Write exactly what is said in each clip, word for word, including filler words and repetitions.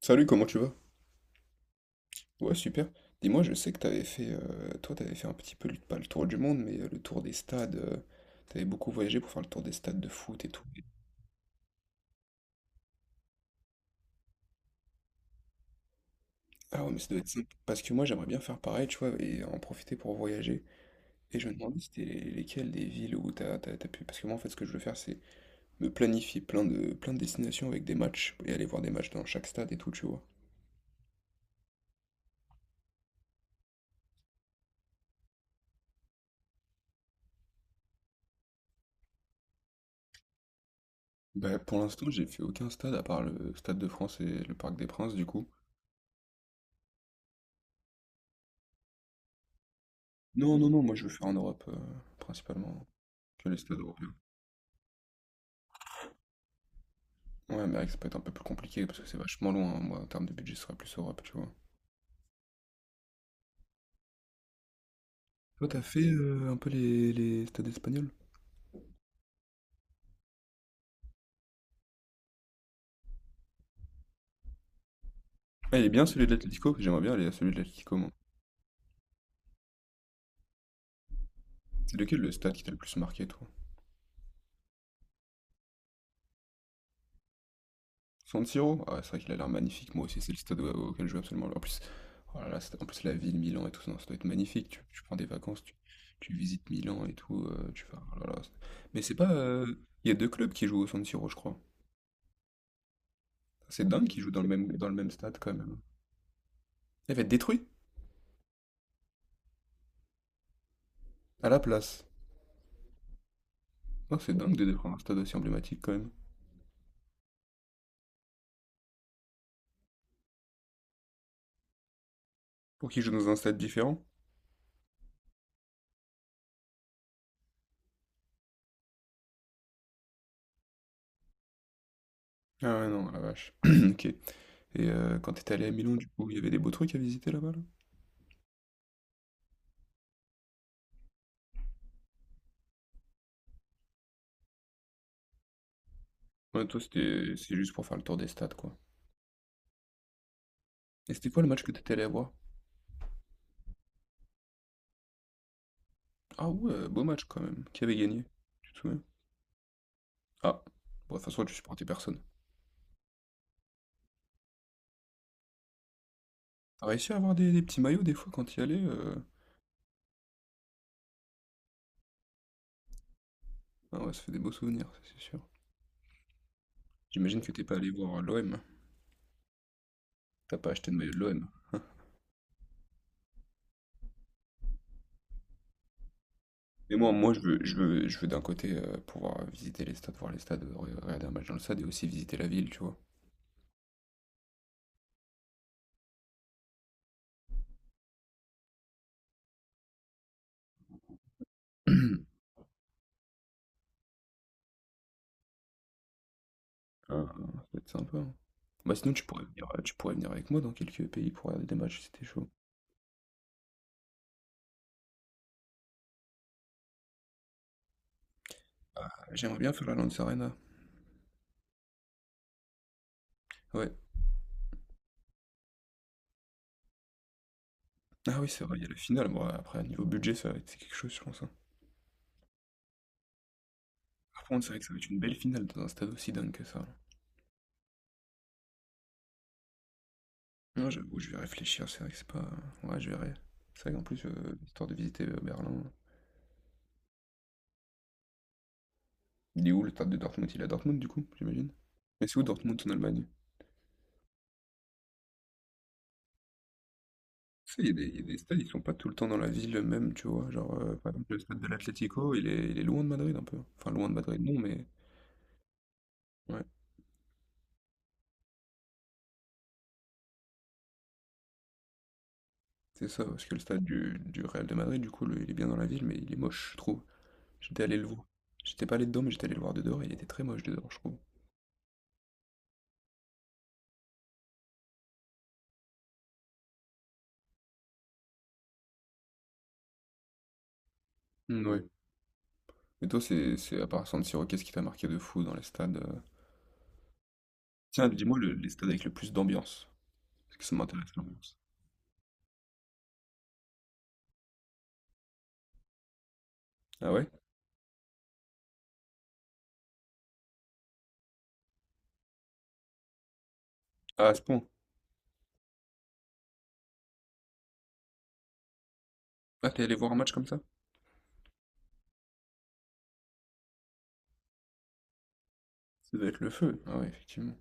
Salut, comment tu vas? Ouais, super. Dis-moi, je sais que t'avais fait, euh, toi, t'avais fait un petit peu, le- pas le tour du monde, mais euh, le tour des stades. Euh, t'avais beaucoup voyagé pour faire le tour des stades de foot et tout. Ah ouais, mais ça doit être simple. Parce que moi, j'aimerais bien faire pareil, tu vois, et en profiter pour voyager. Et je me demandais, c'était les- lesquelles des villes où t'as, t'as, t'as pu. Parce que moi, en fait, ce que je veux faire, c'est me planifier plein de, plein de destinations avec des matchs et aller voir des matchs dans chaque stade et tout, tu vois. Bah, pour l'instant, j'ai fait aucun stade à part le Stade de France et le Parc des Princes, du coup. Non, non, non, moi, je veux faire en Europe, euh, principalement. Que les stades européens. Ouais, mais ça peut être un peu plus compliqué parce que c'est vachement loin, hein. Moi, en termes de budget, ce serait plus Europe, tu vois. Toi, t'as fait euh, un peu les, les stades espagnols? Ah, il est bien celui de l'Atlético. J'aimerais bien aller à celui de l'Atlético, moi. C'est lequel le stade qui t'a le plus marqué, toi? San Siro? Ah, c'est vrai qu'il a l'air magnifique. Moi aussi, c'est le stade au- auquel je veux absolument aller. En plus, oh là là, c'est- en plus la ville, Milan et tout ça, ça doit être magnifique. Tu, tu prends des vacances, tu, tu visites Milan et tout. Euh, tu fais, oh là là, c'est- Mais c'est pas. euh, Il y a deux clubs qui jouent au San Siro, je crois. C'est dingue qu'ils jouent dans le même, dans le même stade quand même. Elle va être détruite. À la place. Oh, c'est dingue de défendre un stade aussi emblématique quand même. Pour qu'ils jouent dans un stade différent? Ah ouais, non, la vache. Ok. Et euh, quand t'étais allé à Milan, du coup, il y avait des beaux trucs à visiter là-bas, là? Ouais, toi, c'était c'est juste pour faire le tour des stades, quoi. Et c'était quoi le match que t'étais allé voir? Ah ouais, beau match quand même. Qui avait gagné? Tu te souviens? Ah, bon, de toute façon, tu supportais personne. T'as réussi à avoir des, des petits maillots des fois quand y allais? euh Ah ouais, ça fait des beaux souvenirs, ça, c'est sûr. J'imagine que t'es pas allé voir l'O M. T'as pas acheté de maillot de l'O M. Mais moi, moi je veux, je veux, je veux d'un côté euh, pouvoir visiter les stades, voir les stades, euh, re- regarder un match dans le stade et aussi visiter la ville, tu vois. Ah, ça peut être sympa, hein. Bah sinon tu pourrais venir, euh, tu pourrais venir avec moi dans quelques pays pour regarder des matchs, c'était chaud. Ah, j'aimerais bien faire la Lance Arena. Ouais. Ah oui, c'est vrai, il y a la finale. Bon, après, niveau budget, ça va être c'est quelque chose, je pense, hein. Par contre, c'est vrai que ça va être une belle finale dans un stade aussi dingue que ça. Non, j'avoue, je vais réfléchir, c'est vrai que c'est pas... Ouais, je verrai. C'est vrai qu'en plus, euh, histoire de visiter euh, Berlin... Il est où le stade de Dortmund? Il est à Dortmund, du coup, j'imagine. Mais c'est où Dortmund en Allemagne? Tu sais, il y a des, il y a des stades, ils sont pas tout le temps dans la ville même, tu vois. Genre, euh, par exemple, le stade de l'Atlético, il est, il est loin de Madrid un peu. Enfin, loin de Madrid, non, mais ouais, c'est ça. Parce que le stade du, du Real de Madrid, du coup, le- il est bien dans la ville, mais il est moche, je trouve. J'étais allé le voir. J'étais pas allé dedans, mais j'étais allé le voir de dehors, et il était très moche de dehors, je trouve. Mm, ouais. Et toi, c'est, c'est à part San Siro, qu'est-ce qui t'a marqué de fou dans les stades? euh Tiens, dis-moi le- les stades avec le plus d'ambiance. Parce que ça m'intéresse l'ambiance. Ah ouais? Ah, à ce point. Ah, t'es allé voir un match comme ça? Ça doit être le feu. Ah ouais, effectivement.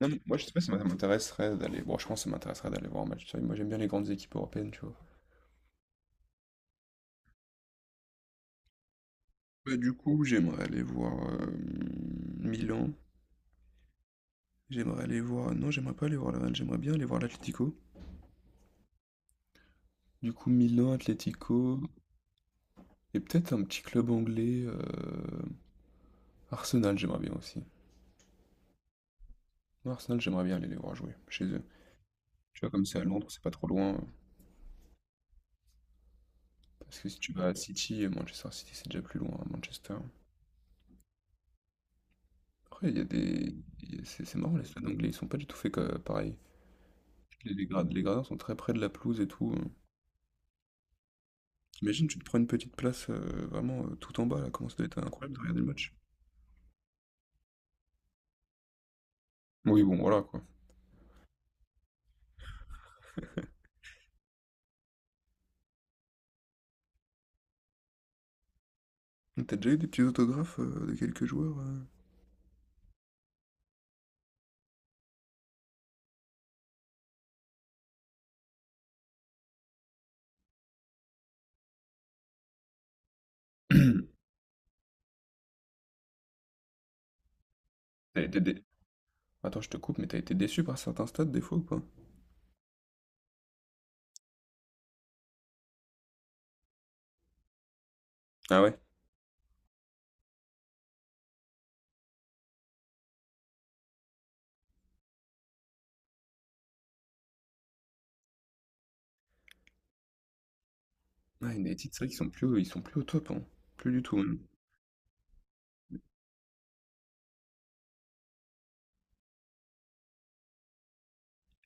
Non, mais moi, je sais pas si ça m'intéresserait d'aller. Bon, je pense que ça m'intéresserait d'aller voir un match. Moi, j'aime bien les grandes équipes européennes, tu vois. Bah, du coup, j'aimerais aller voir euh, Milan. J'aimerais aller voir. Non, j'aimerais pas aller voir le Real. J'aimerais bien aller voir l'Atlético. Du coup, Milan, Atlético. Et peut-être un petit club anglais. euh, Arsenal, j'aimerais bien aussi. Moi, Arsenal, j'aimerais bien aller les voir jouer chez eux. Tu vois, comme c'est à Londres, c'est pas trop loin. euh, Parce que si tu vas à City, euh, Manchester City, c'est déjà plus loin, à Manchester. Après, il y a des. Il y a- C'est c'est marrant, les stades anglais, ils sont pas du tout faits que- pareil. Les les grad- les gradins sont très près de la pelouse et tout, heu. T'imagines, tu te prends une petite place, heu, vraiment, heu, tout en bas là, comment ça doit être incroyable de regarder le match? Oui, bon, voilà quoi. T'as déjà eu des petits autographes, heu, de quelques joueurs, heu? Tu été dé attends, je te coupe, mais t'as été déçu par certains stades des fois ou pas? Ah ouais? Ah United, c'est vrai qu'ils sont plus au ils sont plus au top, hein. Plus du tout même.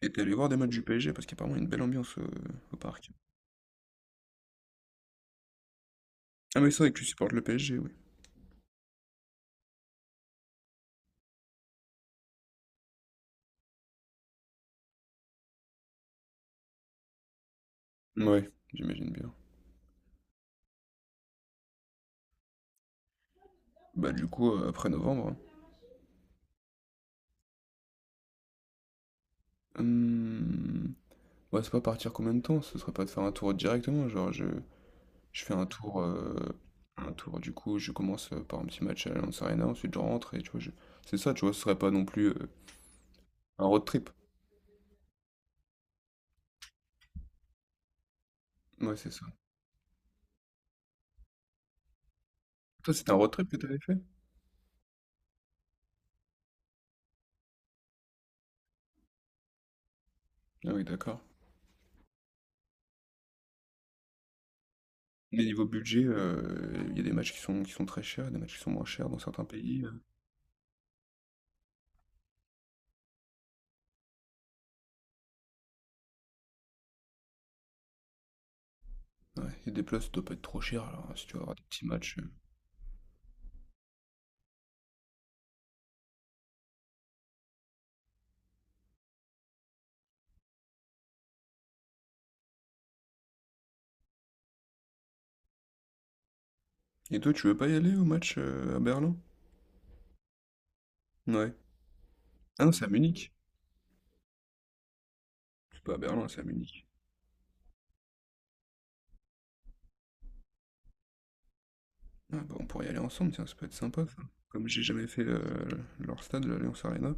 Et t'es allé voir des matchs du P S G? Parce qu'apparemment il y a une belle ambiance, heu, au parc. Ah mais c'est vrai que tu supportes le P S G, oui. Ouais, j'imagine bien. Bah, du coup, heu, après novembre, hein. Mmh. Ouais, c'est pas partir combien de temps? Ce serait pas de faire un tour directement, genre je, je fais un tour, euh, un tour du coup, je commence euh, par un petit match à l'Allianz Arena, ensuite je rentre et tu vois, je... c'est ça, tu vois, ce serait pas non plus euh, un road trip. Ouais, c'est ça. Toi, c'était un road trip que t'avais fait? Ah oui, d'accord. Mais niveau budget, euh, il y a des matchs qui sont, qui sont très chers, des matchs qui sont moins chers dans certains pays. euh. Ouais, et des places, ça doit pas être trop cher, alors si tu veux avoir des petits matchs. euh. Et toi, tu veux pas y aller au match euh, à Berlin? Ouais. Ah non, c'est à Munich. C'est pas à Berlin, c'est à Munich. Ah bah, on pourrait y aller ensemble, tiens, ça peut être sympa ça. Comme j'ai jamais fait euh, leur stade, l'Alliance Arena.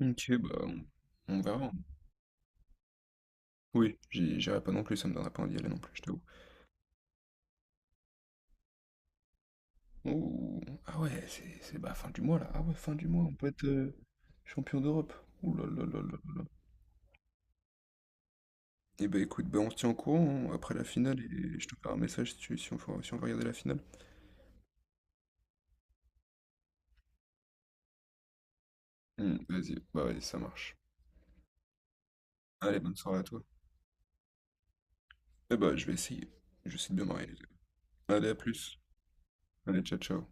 Ok, bah on, on verra. Oui, j'y- j'irai pas non plus, ça me donnera pas envie d'y aller non plus, je t'avoue. Oh, ah ouais, c'est c'est bah, fin du mois là. Ah ouais, fin du mois, on peut être euh, champion d'Europe. Ouh là là là là là. Et bah écoute, bah on se tient au courant hein, après la finale et je te ferai un message si, tu- si on, faut- si on veut regarder la finale. Hmm, vas-y, bah vas-y, ça marche. Allez, bonne soirée à toi. Eh bah je vais essayer. Je sais de bien m'organiser. Allez, à plus. Allez, ciao ciao.